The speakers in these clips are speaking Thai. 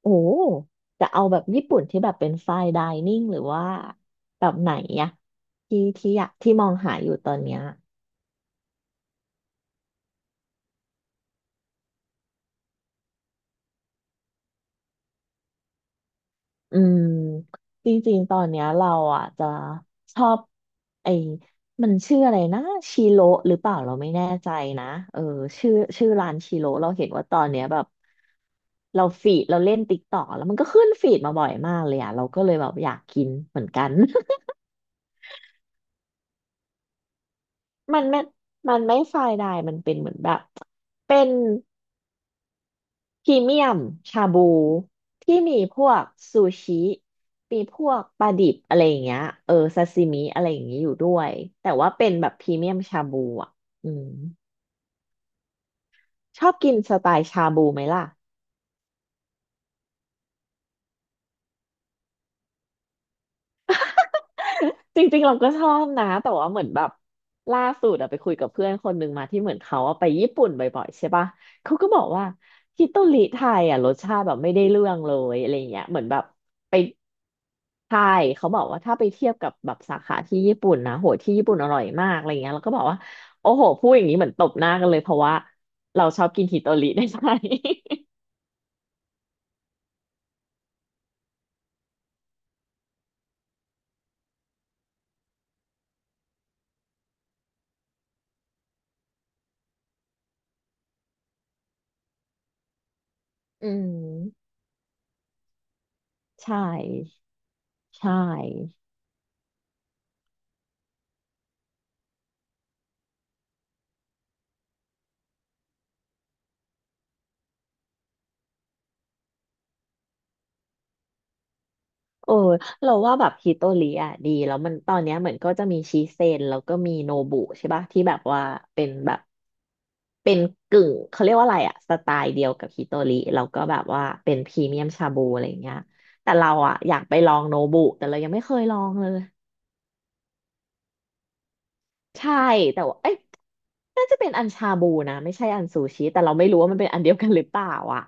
โอ้จะเอาแบบญี่ปุ่นที่แบบเป็นไฟน์ไดนิ่งหรือว่าแบบไหนอะที่อยากที่มองหาอยู่ตอนเนี้ยอืมจริงๆตอนเนี้ยเราอ่ะจะชอบไอ้มันชื่ออะไรนะชิโรหรือเปล่าเราไม่แน่ใจนะเออชื่อชื่อร้านชิโรเราเห็นว่าตอนเนี้ยแบบเราเล่นติ๊กต่อกแล้วมันก็ขึ้นฟีดมาบ่อยมากเลยอ่ะเราก็เลยแบบอยากกินเหมือนกัน มันไม่มันไม่ไฟน์ไดน์มันเป็นเหมือนแบบเป็น พรีเมียมชาบูที่มีพวกซูชิมีพวกปลาดิบอะไรอย่างเงี้ยเออซาซิมิอะไรอย่างเงี้ยอยู่ด้วยแต่ว่าเป็นแบบพรีเมียมชาบูอ่ะอืมชอบกินสไตล์ชาบูไหมล่ะ จริงๆเราก็ชอบนะแต่ว่าเหมือนแบบล่าสุดอะไปคุยกับเพื่อนคนหนึ่งมาที่เหมือนเขาอะไปญี่ปุ่นบ่อยๆใช่ปะเขาก็บอกว่าฮิโตริไทยอะรสชาติแบบไม่ได้เรื่องเลยอะไรเงี้ยเหมือนแบบไปไทยเขาบอกว่าถ้าไปเทียบกับแบบสาขาที่ญี่ปุ่นนะโหที่ญี่ปุ่นอร่อยมากอะไรเงี้ยแล้วก็บอกว่าโอ้โหพูดอย่างนี้เหมือนตบหน้ากันเลยเพราะว่าเราชอบกินฮิโตริ ในไทย อืมใช่ใช่ เออเราว่าแบบฮิโตริอ่ะดีแล้วมันตอนเนี้ยเหมือนก็จะมีชิเซนแล้วก็มีโนบุใช่ปะที่แบบว่าเป็นแบบเป็นกึ่งเขาเรียกว่าอะไรอ่ะสไตล์เดียวกับฮิโตริแล้วก็แบบว่าเป็นพรีเมียมชาบูอะไรอย่างเงี้ยแต่เราอ่ะอยากไปลองโนบุแต่เรายังไม่เคยลองเลยใช่แต่ว่าเอ้ยน่าจะเป็นอันชาบูนะไม่ใช่อันซูชิแต่เราไม่รู้ว่ามันเป็นอันเดียวกันหรือเปล่าอ่ะ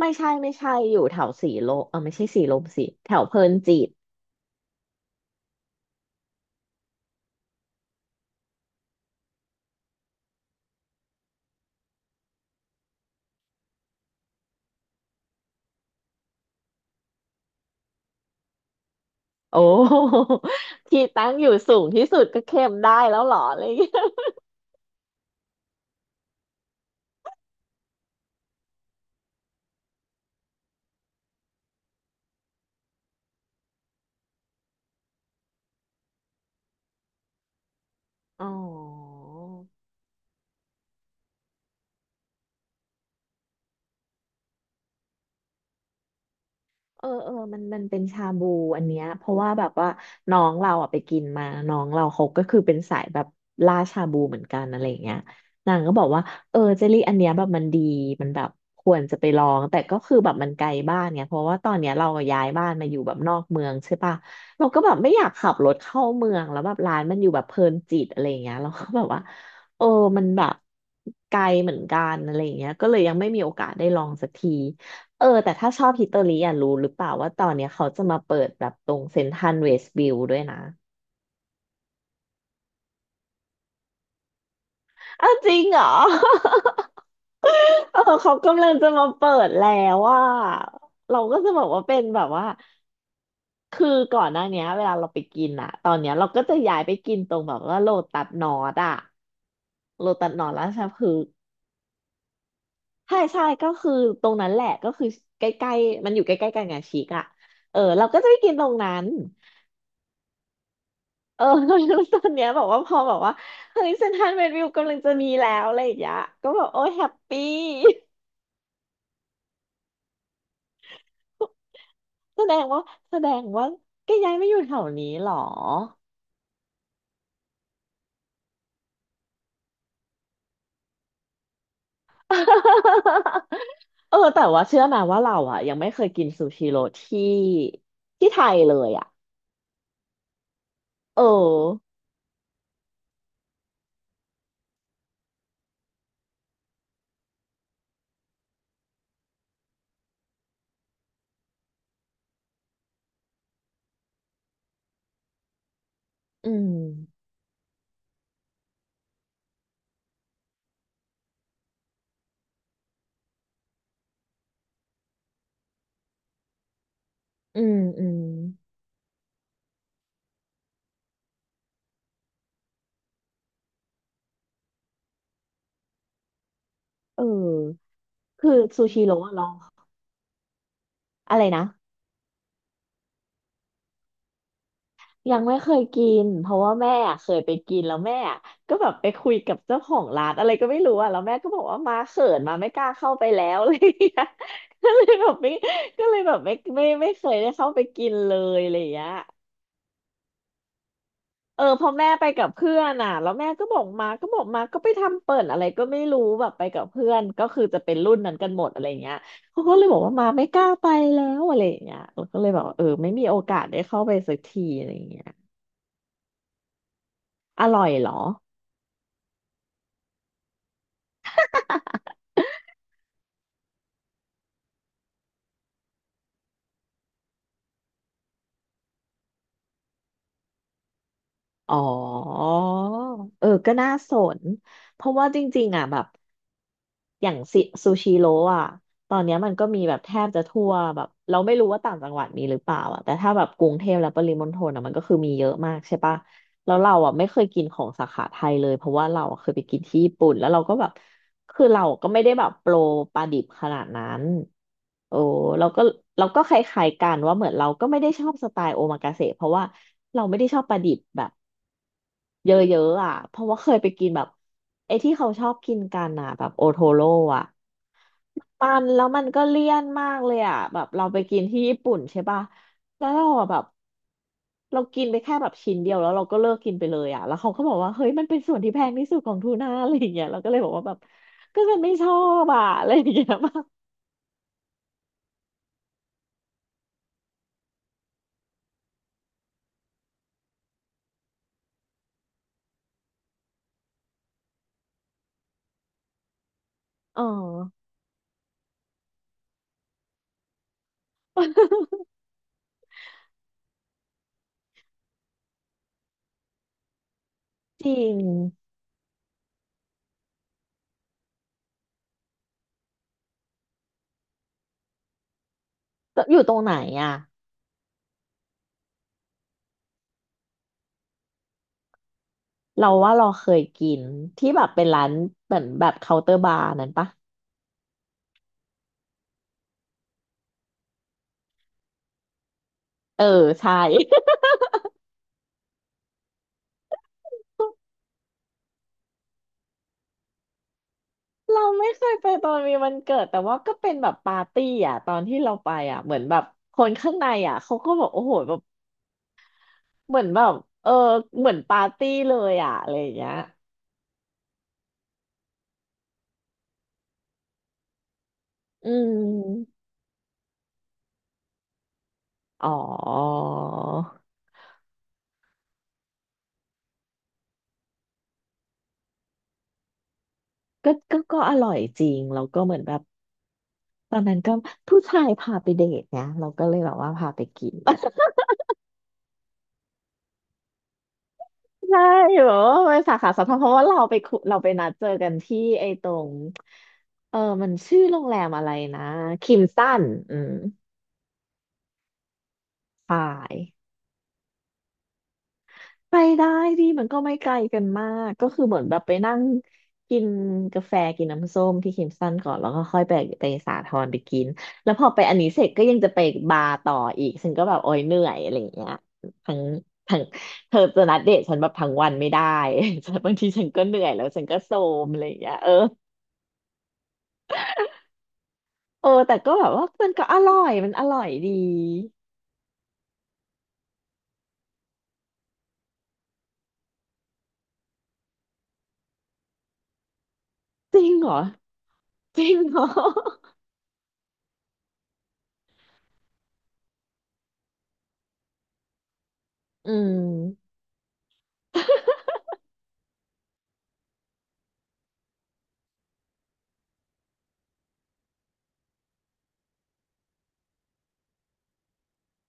ไม่ใช่อยู่แถวสีลมเออไม่ใช่สีลมสิแถวเพลินจิต โอ้ ที่ตั้งอยู่สูงที่สุดก็เค็มได้แล้วเหรออะไรอย่างเงี้ยอ๋อ เออเออมันเป็นชาบูอันเนี้ยเพราะว่าแบบว่าน้องเราอ่ะไปกินมาน้องเราเขาก็คือเป็นสายแบบล่าชาบูเหมือนกันอะไรอย่างเงี้ยนางก็บอกว่าเออเจลลี่อันเนี้ยแบบมันดีมันแบบควรจะไปลองแต่ก็คือแบบมันไกลบ้านไยเพราะว่าตอนเนี้ยเราย้ายบ้านมาอยู่แบบนอกเมืองใช่ปะเราก็แบบไม่อยากขับรถเข้าเมืองแล้วแบบร้านมันอยู่แบบเพลินจิตอะไรอย่างเงี้ยเราก็แบบว่าเออมันแบบไกลเหมือนกันอะไรอย่างเงี้ยก็เลยยังไม่มีโอกาสได้ลองสักที เออแต่ถ้าชอบฮิตเตอรี่อ่ะรู้หรือเปล่าว่าตอนเนี้ยเขาจะมาเปิดแบบตรงเซ็นทรัลเวสต์วิวด้วยนะอ้าวจริงเหรอ เออเขากำลังจะมาเปิดแล้วว่าเราก็จะบอกว่าเป็นแบบว่าคือก่อนหน้าเนี้ยเวลาเราไปกินอ่ะตอนเนี้ยเราก็จะย้ายไปกินตรงแบบว่าโลตัสนอร์ดอ่ะโลตัสนอร์ดราชพฤกษ์ใช่ใช่ก็คือตรงนั้นแหละก็คือใกล้ๆมันอยู่ใกล้ๆกันไงชิกอ่ะเออเราก็จะไปกินตรงนั้น เออ แล้วตอนเนี้ยบอกว่าพอบอกว่าเฮ้ยเซ็นทรัลเวสต์วิวกำลังจะมีแล้วอะไรอย่างเงี้ยก็บอกโอ้ยแฮปปี้ แสดงว่าแสดงว่าแกย้ายไม่อยู่แถวนี้หรอ เออแต่ว่าเชื่อไหมว่าเราอ่ะยังไม่เคยกินซูชิโร่ที่ไทยเลยอ่ะเอออืมอืมเออคือซูชิโร่อะลอะไรนะ ยังไม่เคยกินเพราะว่าแม่อะเคยไปกินแล้วแม่อะก็แบบไปคุยกับเจ้าของร้านอะไรก็ไม่รู้อะแล้วแม่ก็บอกว่ามาเขินมาไม่กล้าเข้าไปแล้ว อะไรอย่างเลยก็เลยแบบไม่ก็เลยแบบไม่เคยได้เข้าไปกินเลยอะไรอย่างเงี้ยเออพอแม่ไปกับเพื่อนอ่ะแล้วแม่ก็บอกมาก็ไปทำเปิดอะไรก็ไม่รู้แบบไปกับเพื่อนก็คือจะเป็นรุ่นนั้นกันหมดอะไรเงี้ยเขาก็เลยบอกว่ามาไม่กล้าไปแล้วอะไรเงี้ยเราก็เลยบอกว่าเออไม่มีโอกาสได้เข้าไปสักทีอะไร่เงี้ยอร่อยเหรอ อ๋อเออก็น่าสนเพราะว่าจริงๆอ่ะแบบอย่างซิซูชิโร่อ่ะตอนเนี้ยมันก็มีแบบแทบจะทั่วแบบเราไม่รู้ว่าต่างจังหวัดมีหรือเปล่าอ่ะแต่ถ้าแบบกรุงเทพและปริมณฑลอ่ะมันก็คือมีเยอะมากใช่ปะแล้วเราอ่ะไม่เคยกินของสาขาไทยเลยเพราะว่าเราอะเคยไปกินที่ญี่ปุ่นแล้วเราก็แบบคือเราก็ไม่ได้แบบโปรปลาดิบขนาดนั้นโอ้เราก็เราก็คล้ายๆกันว่าเหมือนเราก็ไม่ได้ชอบสไตล์โอมากาเสะเพราะว่าเราไม่ได้ชอบปลาดิบแบบ เยอะๆอ่ะเพราะว่าเคยไปกินแบบไอ้ที่เขาชอบกินกันอ่ะแบบโอโทโร่อ่ะมันแล้วมันก็เลี่ยนมากเลยอ่ะแบบเราไปกินที่ญี่ปุ่นใช่ป่ะแล้วเราอะแบบเรากินไปแค่แบบชิ้นเดียวแล้วเราก็เลิกกินไปเลยอ่ะแล้วเขาก็บอกว่าเฮ้ยมันเป็นส่วนที่แพงที่สุดของทูน่าอะไรอย่างเงี้ยเราก็เลยบอกว่าแบบก็ฉันไม่ชอบอ่ะอะไรอย่างเงี้ย มากอ๋อจริงอยู่ตรงไหนอ่ะเราว่าเราเคยกินที่แบบเป็นร้านเหมือนแบบเคาน์เตอร์บาร์นั้นปะ เออใช่ เราไม่เคยไปตอนมีวันเกิดแต่ว่าก็เป็นแบบปาร์ตี้อ่ะตอนที่เราไปอ่ะเหมือนแบบคนข้างในอ่ะเขาก็บบกโอ้โหแบบเหมือนแบบเออเหมือนปาร์ตี้เลยอ่ะอะไรอย่างเงี้ยอืมอ๋อก็อร่อยจริงแล้วก็เหมือนแบบตอนนั้นก็ผู้ชายพาไปเดทเนี่ยเราก็เลยแบบว่าพาไปกิน ใช่แบบว่าไปสาขาสองเพราะว่าเราไปคุเราไปนัดเจอกันที่ไอ้ตรงเออมันชื่อโรงแรมอะไรนะคิมสันอืมใช่ ไปได้ดีมันก็ไม่ไกลกันมากก็คือเหมือนแบบไปนั่งกินกาแฟกินน้ำส้มที่คิมสันก่อนแล้วก็ค่อยไปไปสาทรไปกินแล้วพอไปอันนี้เสร็จก็ยังจะไปบาร์ต่ออีกฉันก็แบบโอ๊ยเหนื่อยอะไรอย่างเงี้ยทั้งทั้งเธอจะนัดเดทฉันแบบทั้งวันไม่ได้ บางทีฉันก็เหนื่อยแล้วฉันก็โทรมอะไรอย่างเงี้ยเออเออแต่ก็แบบว่ามันก็อร่อยมันอร่อยดีจริงเหรอจริงเหรอ อืม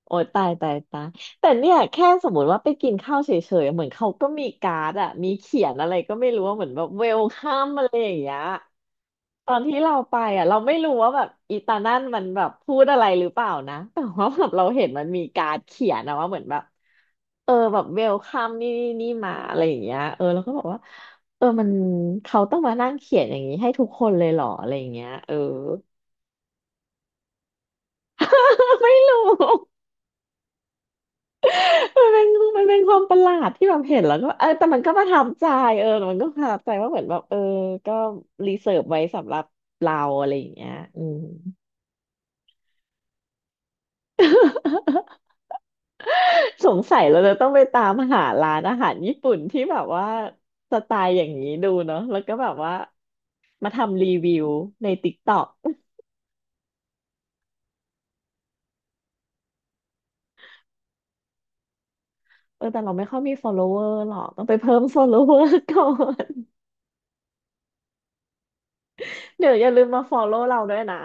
โอ้ยตายตายตายแต่เนี่ยแค่สมมติว่าไปกินข้าวเฉยๆเหมือนเขาก็มีการ์ดอะมีเขียนอะไรก็ไม่รู้ว่าเหมือนแบบเวลคัมอะไรอย่างเงี้ยตอนที่เราไปอะเราไม่รู้ว่าแบบอีตานั่นมันแบบพูดอะไรหรือเปล่านะแต่ว่าแบบเราเห็นมันมีการ์ดเขียนอะว่าเหมือนแบบเออแบบเวลคัมนี่นี่นี่มาอะไรอย่างเงี้ยเออแล้วก็บอกว่าเออมันเขาต้องมานั่งเขียนอย่างนี้ให้ทุกคนเลยเหรออะไรอย่างเงี้ยเออ ไม่รู้ มันเป็นมันเป็นความประหลาดที่แบบเห็นแล้วก็เออแต่มันก็ประทับใจเออแต่มันก็ประทับใจว่าเหมือนแบบเออก็รีเสิร์ฟไว้สำหรับเราอะไรอย่างเงี้ยอืม สงสัยเราจะต้องไปตามหาร้านอาหารญี่ปุ่นที่แบบว่าสไตล์อย่างนี้ดูเนาะแล้วก็แบบว่ามาทำรีวิวใน t กต็อกเออแต่เราไม่ค่อยมี follower หรอกต้องไปเพิ่ม follower ก่อน เดี๋ยวอย่าลืมมา follow เราด้วยนะ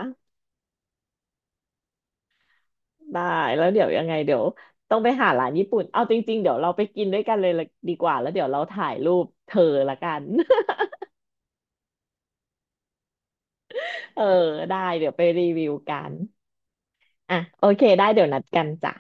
ได้แล้วเดี๋ยวยังไงเดี๋ยวต้องไปหาร้านญี่ปุ่นเอาจริงๆเดี๋ยวเราไปกินด้วยกันเลยละดีกว่าแล้วเดี๋ยวเราถ่ายรูปเธอละกัน เออได้เดี๋ยวไปรีวิวกันอ่ะโอเคได้เดี๋ยวนัดกันจ้ะ